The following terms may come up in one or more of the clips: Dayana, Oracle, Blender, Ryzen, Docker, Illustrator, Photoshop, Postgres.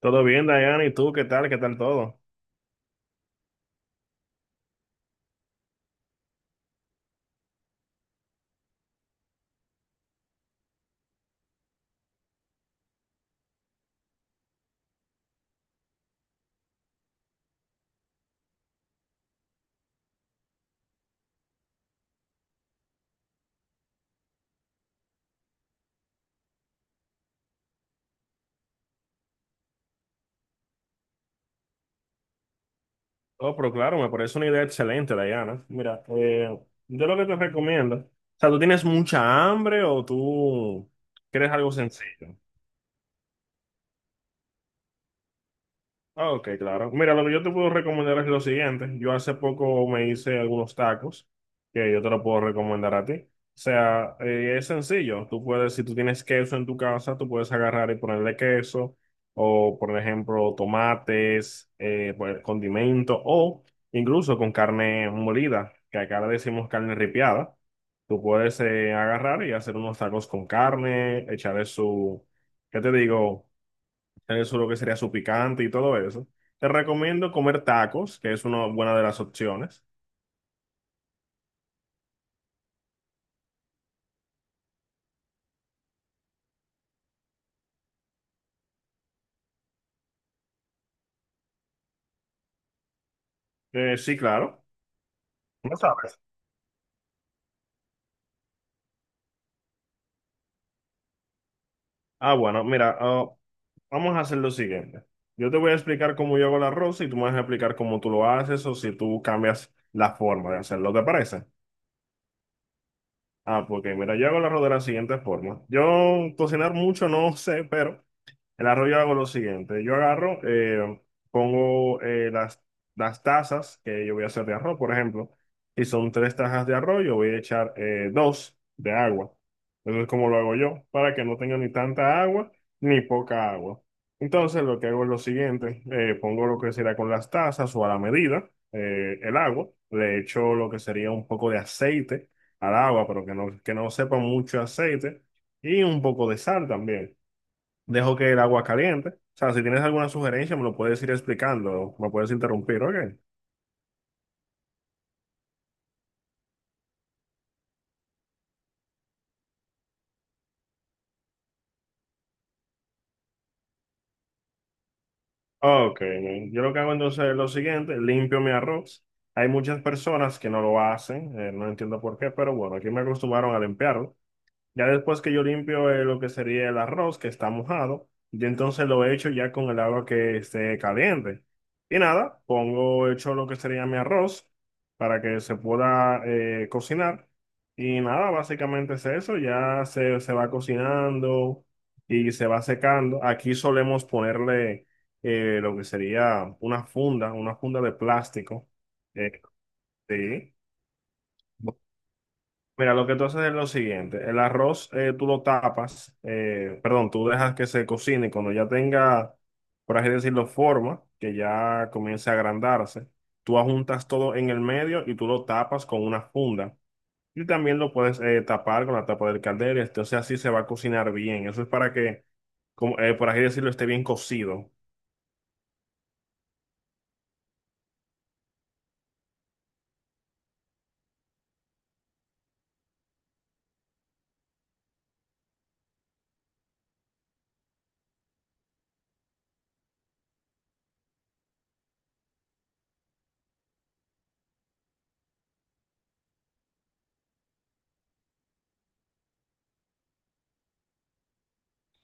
Todo bien, Dayana, ¿y tú qué tal? ¿Qué tal todo? Oh, pero claro, me parece una idea excelente, Dayana. Mira, yo lo que te recomiendo, o sea, ¿tú tienes mucha hambre o tú quieres algo sencillo? Ah, ok, claro. Mira, lo que yo te puedo recomendar es lo siguiente. Yo hace poco me hice algunos tacos que yo te lo puedo recomendar a ti. O sea, es sencillo. Tú puedes, si tú tienes queso en tu casa, tú puedes agarrar y ponerle queso o, por ejemplo, tomates, pues, condimento o incluso con carne molida, que acá le decimos carne ripiada. Tú puedes agarrar y hacer unos tacos con carne, echarle su, ¿qué te digo? Tener su lo que sería su picante y todo eso. Te recomiendo comer tacos, que es una buena de las opciones. Sí, claro. No sabes. Ah, bueno, mira, vamos a hacer lo siguiente. Yo te voy a explicar cómo yo hago el arroz y tú me vas a explicar cómo tú lo haces o si tú cambias la forma de hacerlo, ¿te parece? Ah, porque mira, yo hago el arroz de la siguiente forma. Yo cocinar mucho no sé, pero el arroz yo hago lo siguiente, yo agarro, pongo las tazas que yo voy a hacer de arroz, por ejemplo, si son tres tazas de arroz, yo voy a echar dos de agua. Eso es como lo hago yo, para que no tenga ni tanta agua ni poca agua. Entonces lo que hago es lo siguiente, pongo lo que será con las tazas o a la medida, el agua, le echo lo que sería un poco de aceite al agua, pero que no sepa mucho aceite y un poco de sal también dejo que el agua caliente. O sea, si tienes alguna sugerencia, me lo puedes ir explicando, me puedes interrumpir, ¿ok? Ok, yo lo que hago entonces es lo siguiente, limpio mi arroz. Hay muchas personas que no lo hacen, no entiendo por qué, pero bueno, aquí me acostumbraron a limpiarlo. Ya después que yo limpio lo que sería el arroz que está mojado, yo entonces lo echo ya con el agua que esté caliente. Y nada, pongo hecho lo que sería mi arroz para que se pueda cocinar. Y nada, básicamente es eso, se va cocinando y se va secando. Aquí solemos ponerle lo que sería una funda de plástico. eh, sí. Mira, lo que tú haces es lo siguiente, el arroz tú lo tapas, perdón, tú dejas que se cocine y cuando ya tenga, por así decirlo, forma, que ya comience a agrandarse, tú ajuntas todo en el medio y tú lo tapas con una funda. Y también lo puedes tapar con la tapa del caldero, entonces así se va a cocinar bien. Eso es para que, por así decirlo, esté bien cocido.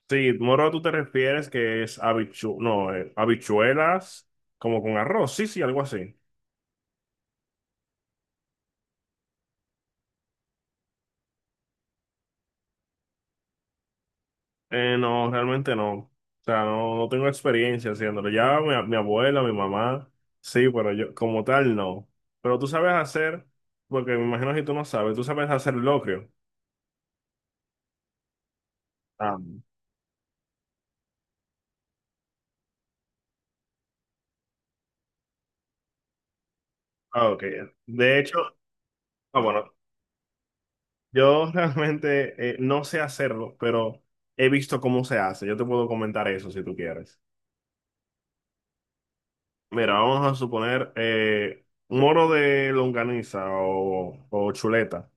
Sí, moro, tú te refieres que es habichu no, habichuelas como con arroz, sí, sí, algo así. No, realmente no. O sea, no, no tengo experiencia haciéndolo. Ya mi abuela, mi mamá, sí, pero yo como tal no. Pero tú sabes hacer, porque me imagino que tú no sabes, tú sabes hacer locrio. Ah, ah, ok. De hecho, ah, bueno, yo realmente no sé hacerlo, pero he visto cómo se hace. Yo te puedo comentar eso si tú quieres. Mira, vamos a suponer moro de longaniza o chuleta.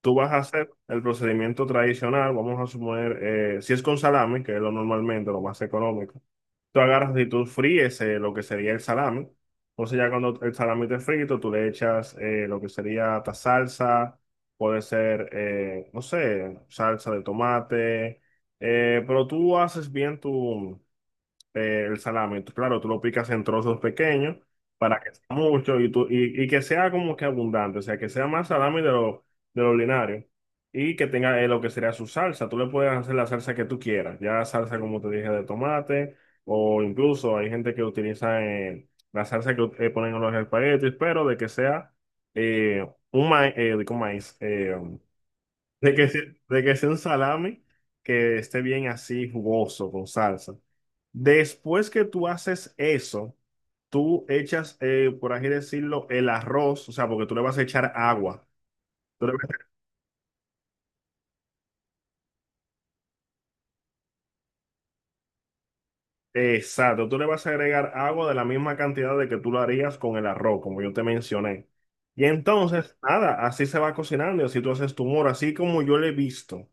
Tú vas a hacer el procedimiento tradicional, vamos a suponer, si es con salami, que es lo normalmente, lo más económico, tú agarras y tú fríes lo que sería el salami. Entonces ya cuando el salami esté frito, tú le echas lo que sería esta salsa, puede ser, no sé, salsa de tomate, pero tú haces bien tu, el salami. Tú, claro, tú lo picas en trozos pequeños para que sea mucho y que sea como que abundante, o sea, que sea más salami de lo ordinario y que tenga lo que sería su salsa. Tú le puedes hacer la salsa que tú quieras, ya salsa como te dije de tomate o incluso hay gente que utiliza la salsa que ponen en los espaguetis, pero de que sea digo maíz, de que, sea- de que sea un salami que esté bien así jugoso con salsa. Después que tú haces eso, tú echas, por así decirlo, el arroz, o sea, porque tú le vas a echar agua. Tú le vas a- exacto, tú le vas a agregar agua de la misma cantidad de que tú lo harías con el arroz, como yo te mencioné. Y entonces, nada, así se va cocinando y así tú haces tu moro, así como yo lo he visto.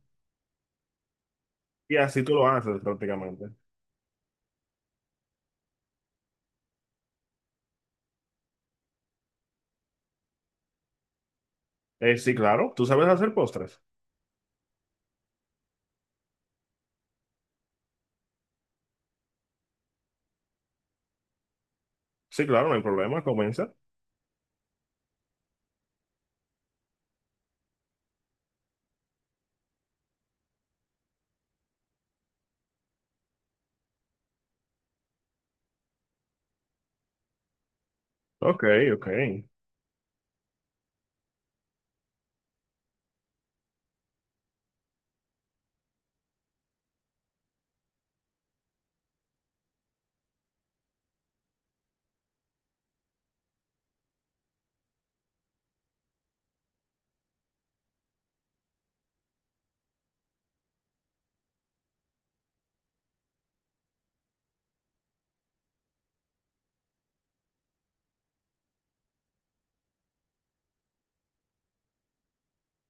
Y así tú lo haces prácticamente. Sí, claro, ¿tú sabes hacer postres? Sí, claro, no hay problema, comienza. Ok, ok. O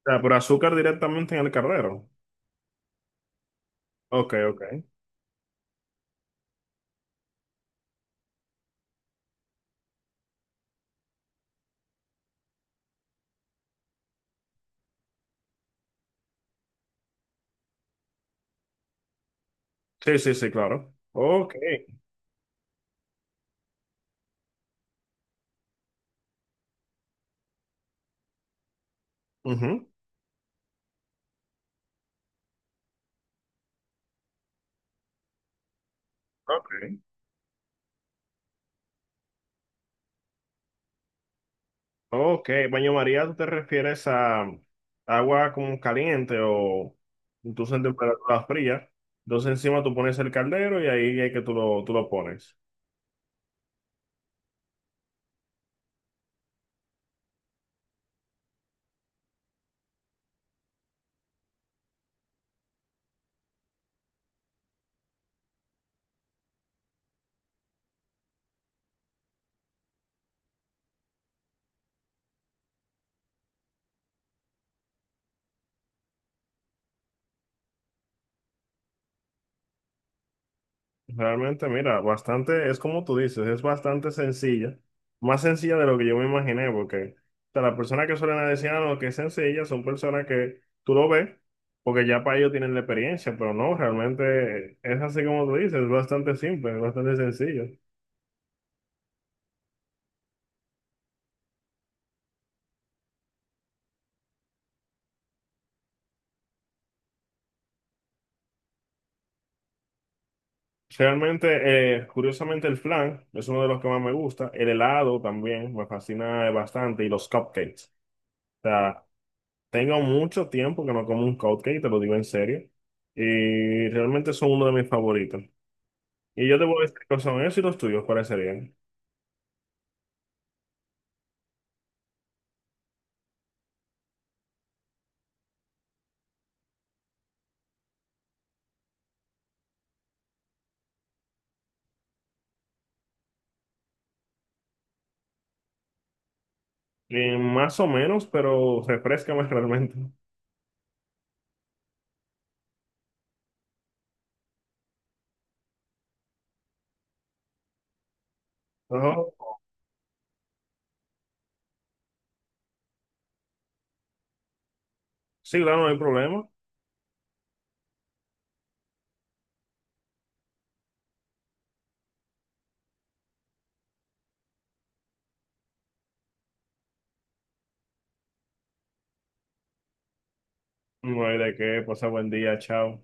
sea, pero azúcar directamente en el cardero. Ok, ok. Sí, sí, sí, claro. Ok. Ujú. Ok. Ok, baño María, ¿tú te refieres a agua como caliente o tú en temperatura fría? Entonces encima tú pones el caldero y ahí es que tú lo pones. Realmente, mira, bastante, es como tú dices, es bastante sencilla, más sencilla de lo que yo me imaginé, porque o sea, las personas que suelen decir, ah, no, que es sencilla, son personas que tú lo ves, porque ya para ellos tienen la experiencia, pero no, realmente es así como tú dices, es bastante simple, es bastante sencillo. Realmente, curiosamente, el flan es uno de los que más me gusta, el helado también me fascina bastante y los cupcakes. O sea, tengo mucho tiempo que no como un cupcake, te lo digo en serio. Y realmente son uno de mis favoritos. Y yo te voy a decir que son esos y los tuyos, ¿cuáles serían? Más o menos, pero refrescame realmente. Ojo. Sí, claro, no hay problema. No hay de qué. Pasa buen día, chao.